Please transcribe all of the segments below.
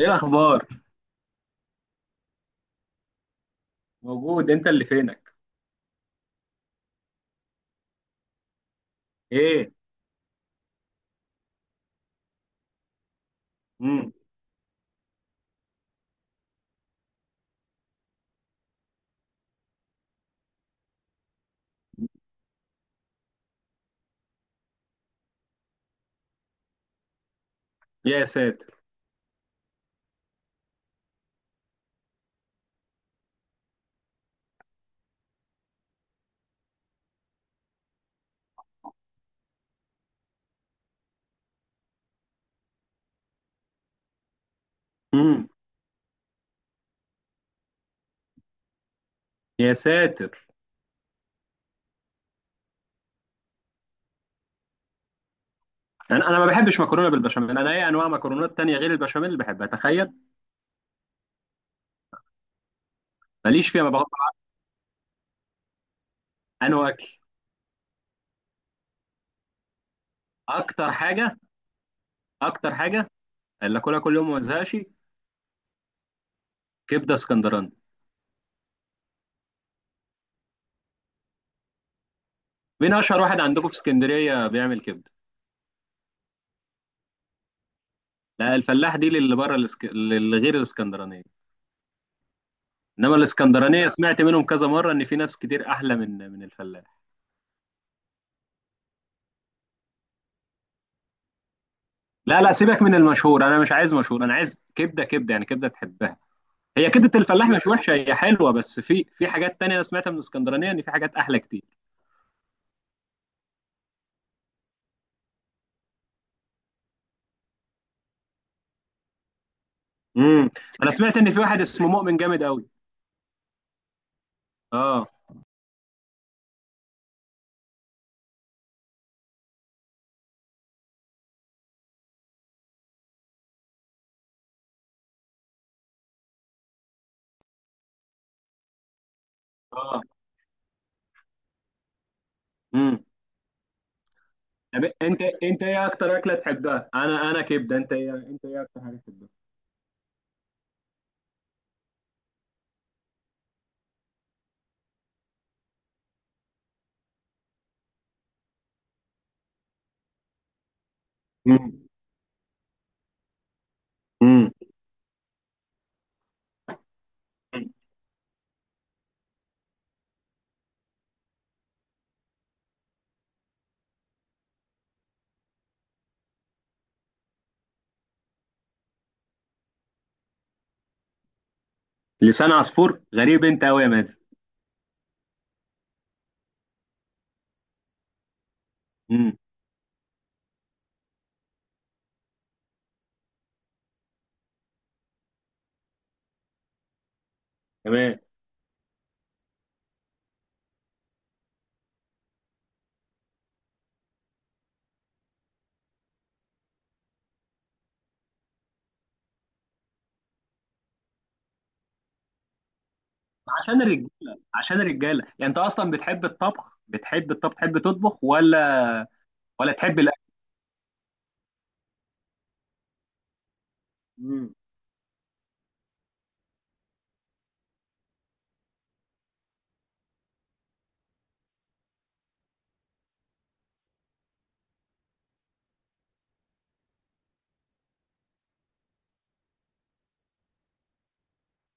ايه الاخبار؟ موجود، انت اللي فينك. ايه؟ امم. يا ساتر. امم. يا ساتر. انا ما بحبش مكرونه بالبشاميل، انا اي انواع مكرونات تانية غير البشاميل اللي بحبها. تخيل. ماليش فيها، ما بغطى. انا اكل. اكتر حاجه، اكتر حاجه اللي اكلها كل يوم وما ازهقش كبده اسكندراني. مين اشهر واحد عندكم في اسكندريه بيعمل كبده؟ لا، الفلاح دي اللي بره اللي غير الاسكندرانيه. انما الاسكندرانيه سمعت منهم كذا مره ان في ناس كتير احلى من الفلاح. لا لا، سيبك من المشهور، انا مش عايز مشهور، انا عايز كبده. كبده يعني كبده تحبها. هي كبده الفلاح مش وحشه، هي حلوه، بس في حاجات تانية انا سمعتها من اسكندرانيه ان في حاجات احلى كتير. امم. انا سمعت ان في واحد اسمه مؤمن جامد قوي. اه. اه. امم. طب انت، انت ايه اكتر اكله تحبها؟ انا كبده. انت ايه اكتر حاجه تحبها؟ امم. امم. لسان عصفور، غريب انت قوي يا مازن. امم. تمام. عشان الرجاله عشان الرجاله يعني، انت اصلا بتحب الطبخ، تحب تطبخ ولا تحب الاكل؟ مم.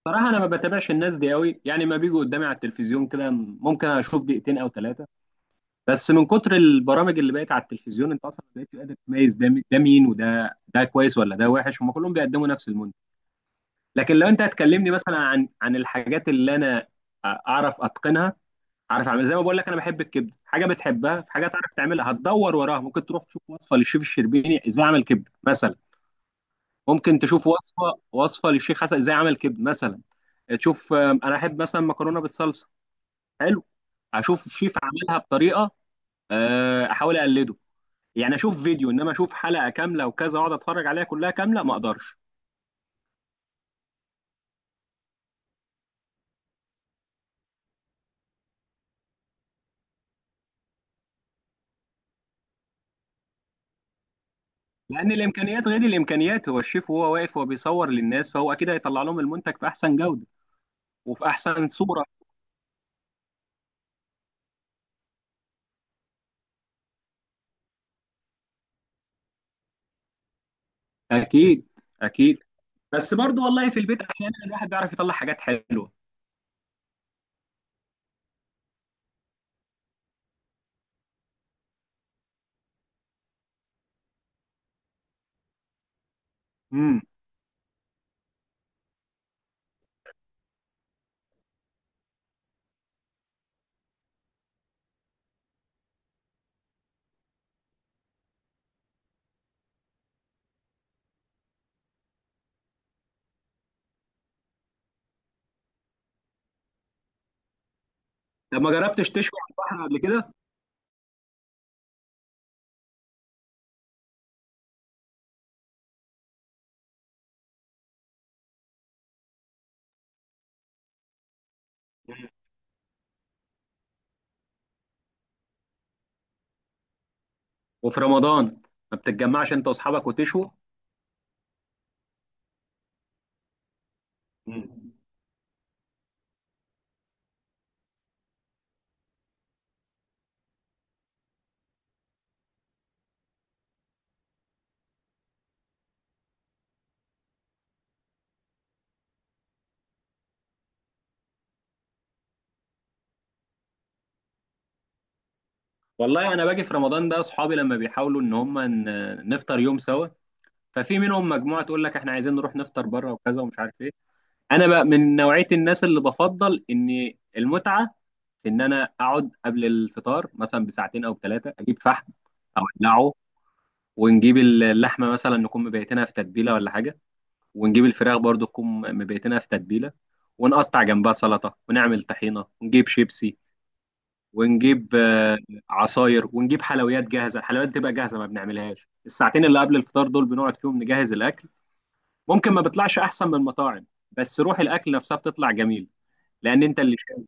صراحه انا ما بتابعش الناس دي قوي، يعني ما بيجوا قدامي على التلفزيون كده، ممكن اشوف دقيقتين او ثلاثه، بس من كتر البرامج اللي بقت على التلفزيون انت اصلا بقيت قادر تميز ده مين وده ده كويس ولا ده وحش، هم كلهم بيقدموا نفس المنتج. لكن لو انت هتكلمني مثلا عن الحاجات اللي انا اعرف اتقنها، اعرف اعمل. زي ما بقول لك، انا بحب الكبده، حاجه بتحبها، في حاجه تعرف تعملها هتدور وراها، ممكن تروح تشوف وصفه للشيف الشربيني ازاي اعمل كبده مثلا. ممكن تشوف وصفه للشيخ حسن ازاي عمل كبد مثلا. تشوف. انا احب مثلا مكرونه بالصلصه. حلو. اشوف شيف عملها بطريقه، احاول اقلده. يعني اشوف فيديو، انما اشوف حلقه كامله وكذا واقعد اتفرج عليها كلها كامله ما اقدرش. لان الامكانيات غير الامكانيات، هو الشيف وهو واقف وهو بيصور للناس، فهو اكيد هيطلع لهم المنتج في احسن جوده وفي احسن صوره. اكيد. اكيد. بس برضو والله في البيت احيانا الواحد بيعرف يطلع حاجات حلوه. امم. طب ما جربتش تشوي على البحر قبل كده؟ وفي رمضان، ما بتتجمعش انت واصحابك وتشوا؟ مم. والله انا باجي في رمضان ده، اصحابي لما بيحاولوا ان هم نفطر يوم سوا، ففي منهم مجموعه تقول لك احنا عايزين نروح نفطر بره وكذا ومش عارف ايه. انا بقى من نوعيه الناس اللي بفضل ان المتعه في ان انا اقعد قبل الفطار مثلا بساعتين او ثلاثه، اجيب فحم او اولعه، ونجيب اللحمه مثلا نكون مبيتينها في تتبيله ولا حاجه، ونجيب الفراخ برضو تكون مبيتينها في تتبيله، ونقطع جنبها سلطه ونعمل طحينه ونجيب شيبسي ونجيب عصاير ونجيب حلويات جاهزه. الحلويات بتبقى جاهزه ما بنعملهاش، الساعتين اللي قبل الفطار دول بنقعد فيهم نجهز الاكل. ممكن ما بيطلعش احسن من المطاعم، بس روح الاكل نفسها بتطلع جميل، لان انت اللي شايف.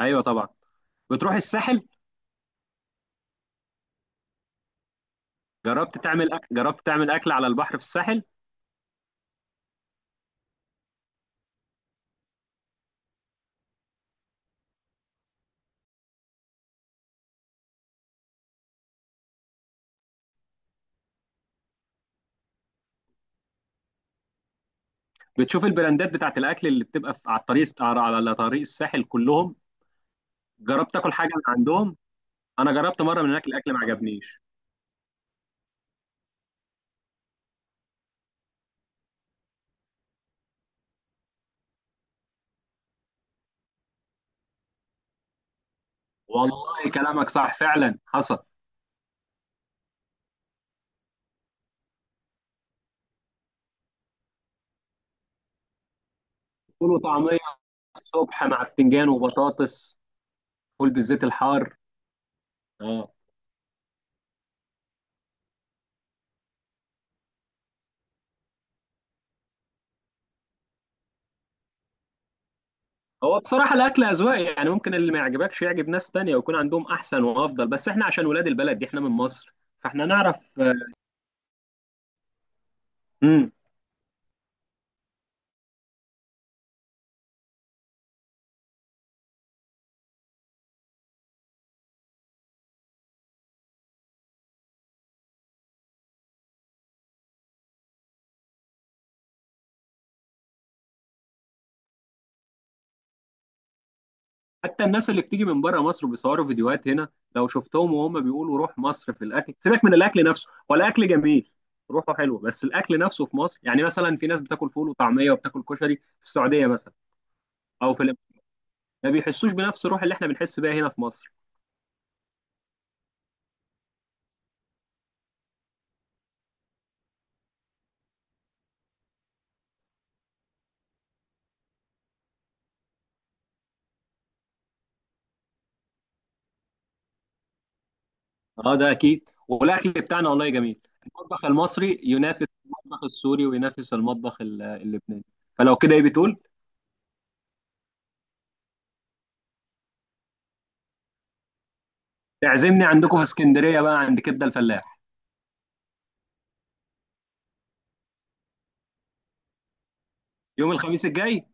ايوه طبعا. بتروح الساحل؟ جربت تعمل اكل على البحر في الساحل؟ بتشوف البراندات بتاعت الاكل اللي بتبقى على الطريق، على طريق الساحل كلهم؟ جربت تاكل حاجه من عندهم؟ انا جربت مره من هناك، الاكل ما عجبنيش. والله كلامك صح، فعلا حصل. فول وطعميه الصبح مع بتنجان وبطاطس. فول بالزيت الحار. اه. هو بصراحة الأكل أذواق، يعني ممكن اللي ما يعجبكش يعجب ناس تانية ويكون عندهم أحسن وأفضل، بس إحنا عشان ولاد البلد دي، إحنا من مصر فإحنا نعرف. امم. حتى الناس اللي بتيجي من بره مصر وبيصوروا فيديوهات هنا، لو شفتهم وهم بيقولوا روح مصر في الأكل، سيبك من الأكل نفسه، هو الأكل جميل، روحه حلوة، بس الأكل نفسه في مصر يعني مثلا في ناس بتاكل فول وطعمية وبتاكل كشري في السعودية مثلا أو في الإمارات، ما بيحسوش بنفس الروح اللي إحنا بنحس بيها هنا في مصر. اه، ده اكيد، والاكل بتاعنا والله جميل. المطبخ المصري ينافس المطبخ السوري وينافس المطبخ اللبناني. فلو كده، ايه بتقول؟ تعزمني عندكم في اسكندريه بقى عند كبده الفلاح؟ يوم الخميس الجاي.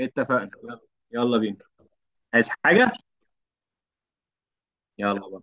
اتفقنا؟ يلا. يلا بينا. عايز حاجه؟ يلا.